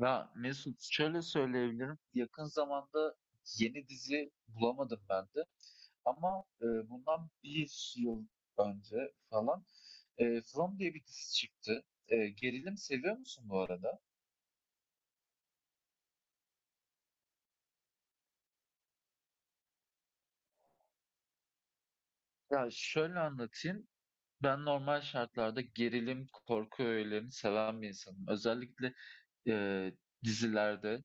Ya Mesut şöyle söyleyebilirim. Yakın zamanda yeni dizi bulamadım ben de. Ama bundan bir yıl önce falan From diye bir dizi çıktı. Gerilim seviyor musun bu arada? Ya şöyle anlatayım. Ben normal şartlarda gerilim, korku öğelerini seven bir insanım. Özellikle e, dizilerde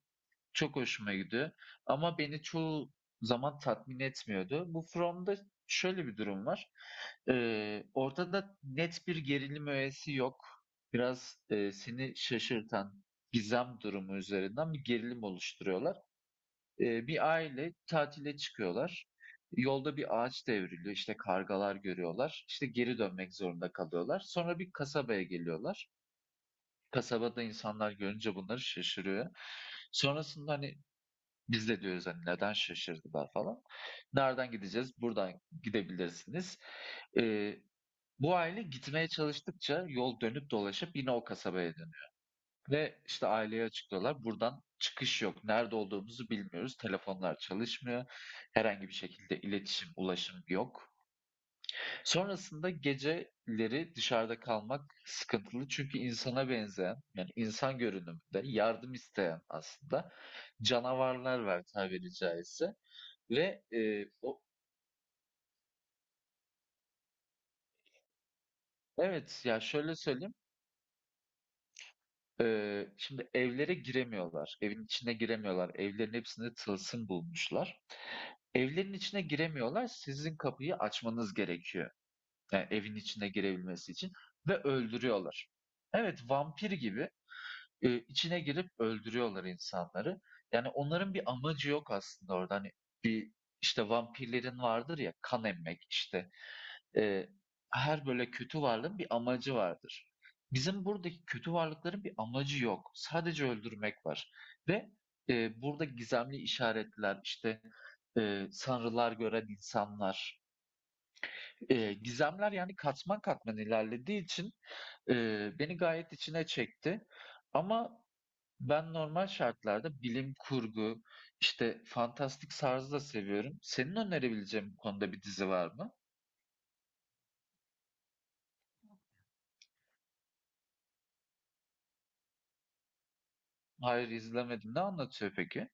çok hoşuma gidiyor ama beni çoğu zaman tatmin etmiyordu. Bu From'da şöyle bir durum var. Ortada net bir gerilim öğesi yok. Biraz, seni şaşırtan gizem durumu üzerinden bir gerilim oluşturuyorlar. Bir aile tatile çıkıyorlar. Yolda bir ağaç devriliyor, işte, kargalar görüyorlar. İşte, geri dönmek zorunda kalıyorlar. Sonra bir kasabaya geliyorlar. Kasabada insanlar görünce bunları şaşırıyor. Sonrasında, hani, biz de diyoruz hani neden şaşırdılar falan. Nereden gideceğiz? Buradan gidebilirsiniz. Ee, Bu aile gitmeye çalıştıkça yol dönüp dolaşıp yine o kasabaya dönüyor. Ve işte aileye açıklıyorlar. Buradan çıkış yok. Nerede olduğumuzu bilmiyoruz. Telefonlar çalışmıyor. Herhangi bir şekilde iletişim, ulaşım yok. Sonrasında geceleri dışarıda kalmak sıkıntılı. Çünkü insana benzeyen, yani insan görünümünde yardım isteyen aslında canavarlar var tabiri caizse. Ve e, o evet ya şöyle söyleyeyim. e, Şimdi evlere giremiyorlar. Evin içine giremiyorlar. Evlerin hepsinde tılsım bulmuşlar. Evlerin içine giremiyorlar. Sizin kapıyı açmanız gerekiyor. Yani evin içine girebilmesi için ve öldürüyorlar. Evet, vampir gibi içine girip öldürüyorlar insanları. Yani onların bir amacı yok aslında orada. Hani bir işte vampirlerin vardır ya kan emmek işte. Eee, Her böyle kötü varlığın bir amacı vardır. Bizim buradaki kötü varlıkların bir amacı yok. Sadece öldürmek var. Ve burada gizemli işaretler, işte, sanrılar gören insanlar. Gizemler yani katman katman ilerlediği için beni gayet içine çekti. Ama ben normal şartlarda bilim kurgu, işte fantastik tarzı da seviyorum. Senin önerebileceğin bu konuda bir dizi var mı? Hayır izlemedim. Ne anlatıyor peki?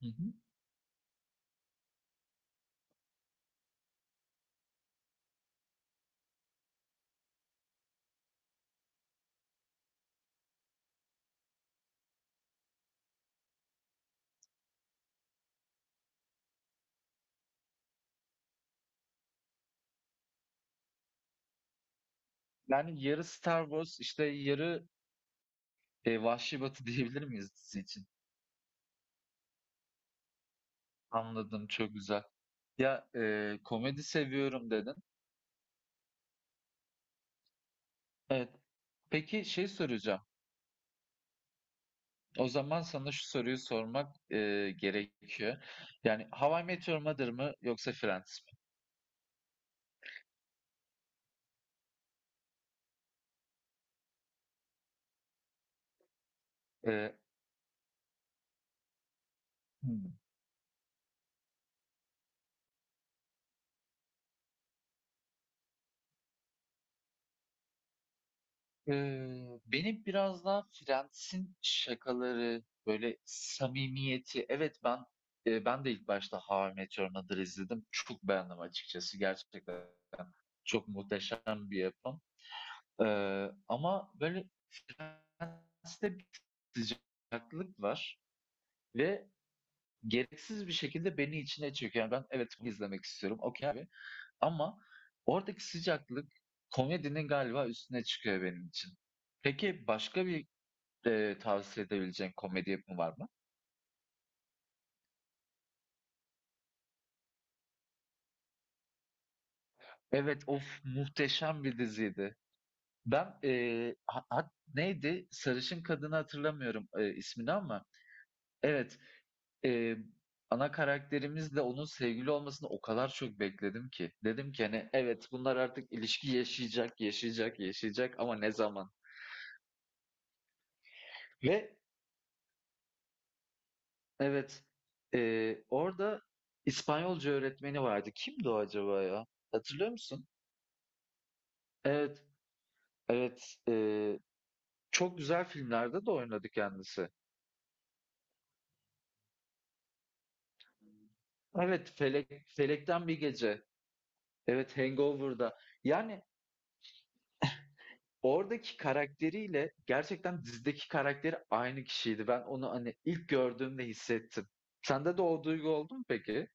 Hı hı. Yani yarı Star Wars işte yarı Vahşi Batı diyebilir miyiz dizi için? Anladım, çok güzel. Ya komedi seviyorum dedin. Evet. Peki şey soracağım. O zaman sana şu soruyu sormak gerekiyor. Yani How I Met Your Mother mı yoksa Friends mi? E, hmm. Benim biraz daha Friends'in şakaları, böyle samimiyeti. Evet, ben de ilk başta How I Met Your Mother'ı izledim. Çok beğendim açıkçası. Gerçekten çok muhteşem bir yapım. Ama böyle Friends'te bir farklılık var ve gereksiz bir şekilde beni içine çekiyor. Yani ben, evet, bunu izlemek istiyorum. Okey abi. Ama oradaki sıcaklık komedinin galiba üstüne çıkıyor benim için. Peki başka bir tavsiye edebileceğin komedi yapımı var mı? Evet, of, muhteşem bir diziydi. Ben, ha hat neydi? Sarışın kadını hatırlamıyorum, ismini ama evet, eee, ana karakterimizle onun sevgili olmasını o kadar çok bekledim ki. Dedim ki, hani, evet bunlar artık ilişki yaşayacak, yaşayacak, yaşayacak ama ne zaman? Ve evet, orada İspanyolca öğretmeni vardı. Kimdi o acaba ya? Hatırlıyor musun? Evet, evet. Çok güzel filmlerde de oynadı kendisi. Evet, Felekten Bir Gece. Evet, Hangover'da. Yani oradaki karakteriyle gerçekten dizideki karakteri aynı kişiydi. Ben onu hani ilk gördüğümde hissettim. Sende de o duygu oldu mu peki?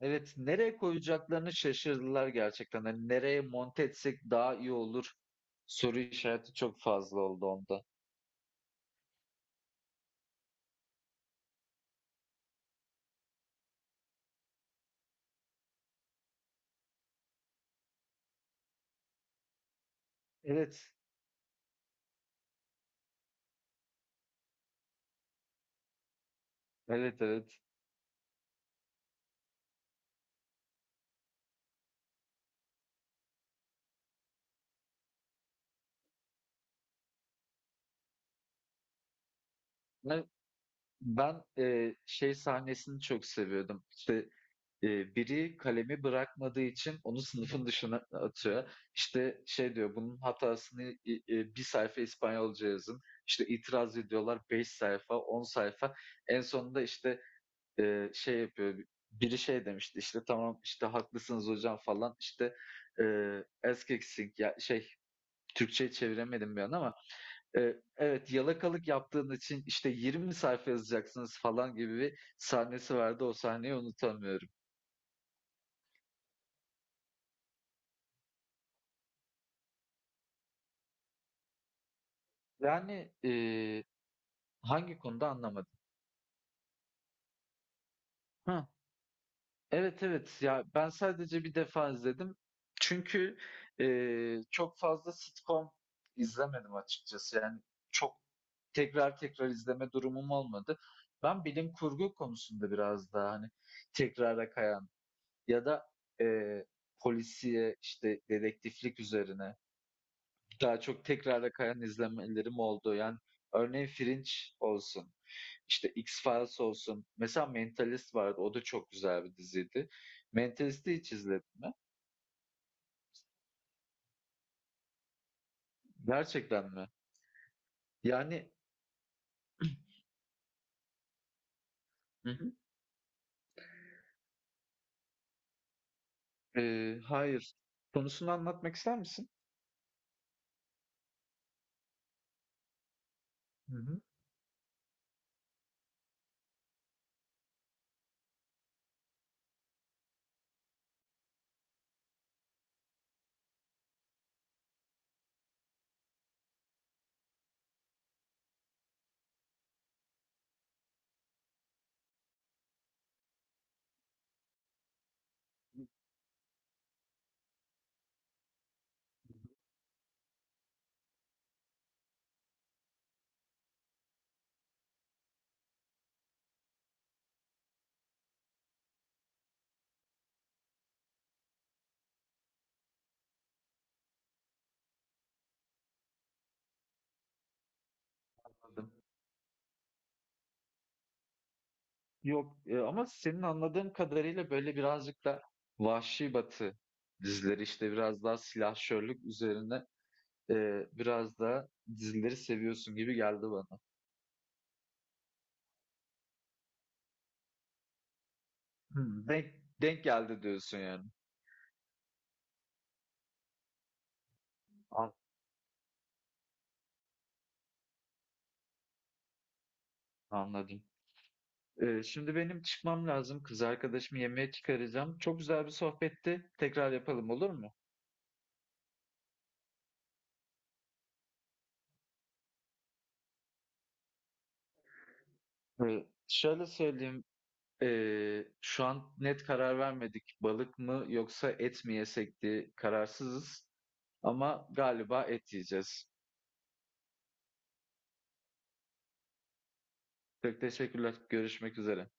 Evet, nereye koyacaklarını şaşırdılar gerçekten. Hani nereye monte etsek daha iyi olur. Soru işareti çok fazla oldu onda. Evet, evet, evet. Ben, ben şey sahnesini çok seviyordum. İşte biri kalemi bırakmadığı için onu sınıfın dışına atıyor. İşte şey diyor, bunun hatasını i 1 sayfa İspanyolca yazın. İşte itiraz ediyorlar 5 sayfa, 10 sayfa. En sonunda işte, şey yapıyor, biri şey demişti, işte, "Tamam, işte, haklısınız hocam." falan. İşte, "Esquexing" ya şey, Türkçeye çeviremedim bir an ama, evet, yalakalık yaptığın için, işte, 20 sayfa yazacaksınız." falan gibi bir sahnesi vardı. O sahneyi unutamıyorum. Yani, hangi konuda anlamadım? Ha, evet, evet. Ya, ben sadece bir defa izledim. Çünkü, çok fazla sitcom izlemedim açıkçası. Yani çok tekrar tekrar izleme durumum olmadı. Ben bilim kurgu konusunda biraz daha, hani, tekrara kayan ya da, eee, polisiye, işte, dedektiflik üzerine daha çok tekrara kayan izlemelerim oldu. Yani örneğin Fringe olsun, işte X-Files olsun. Mesela Mentalist vardı. O da çok güzel bir diziydi. Mentalist'i hiç izledin mi? Gerçekten mi? Yani. Hı hı. Hayır. Konusunu anlatmak ister misin? Hı hı. Anladım. Yok, ama senin anladığım kadarıyla böyle birazcık da vahşi batı dizileri, işte biraz daha silahşörlük üzerine biraz daha dizileri seviyorsun gibi geldi bana. Hımm, denk geldi diyorsun yani. An Anladım. Şimdi benim çıkmam lazım. Kız arkadaşımı yemeğe çıkaracağım. Çok güzel bir sohbetti. Tekrar yapalım, olur mu? Şöyle söyleyeyim, şu an net karar vermedik. Balık mı yoksa et mi yesek diye kararsızız ama galiba et yiyeceğiz. Çok teşekkürler. Görüşmek üzere.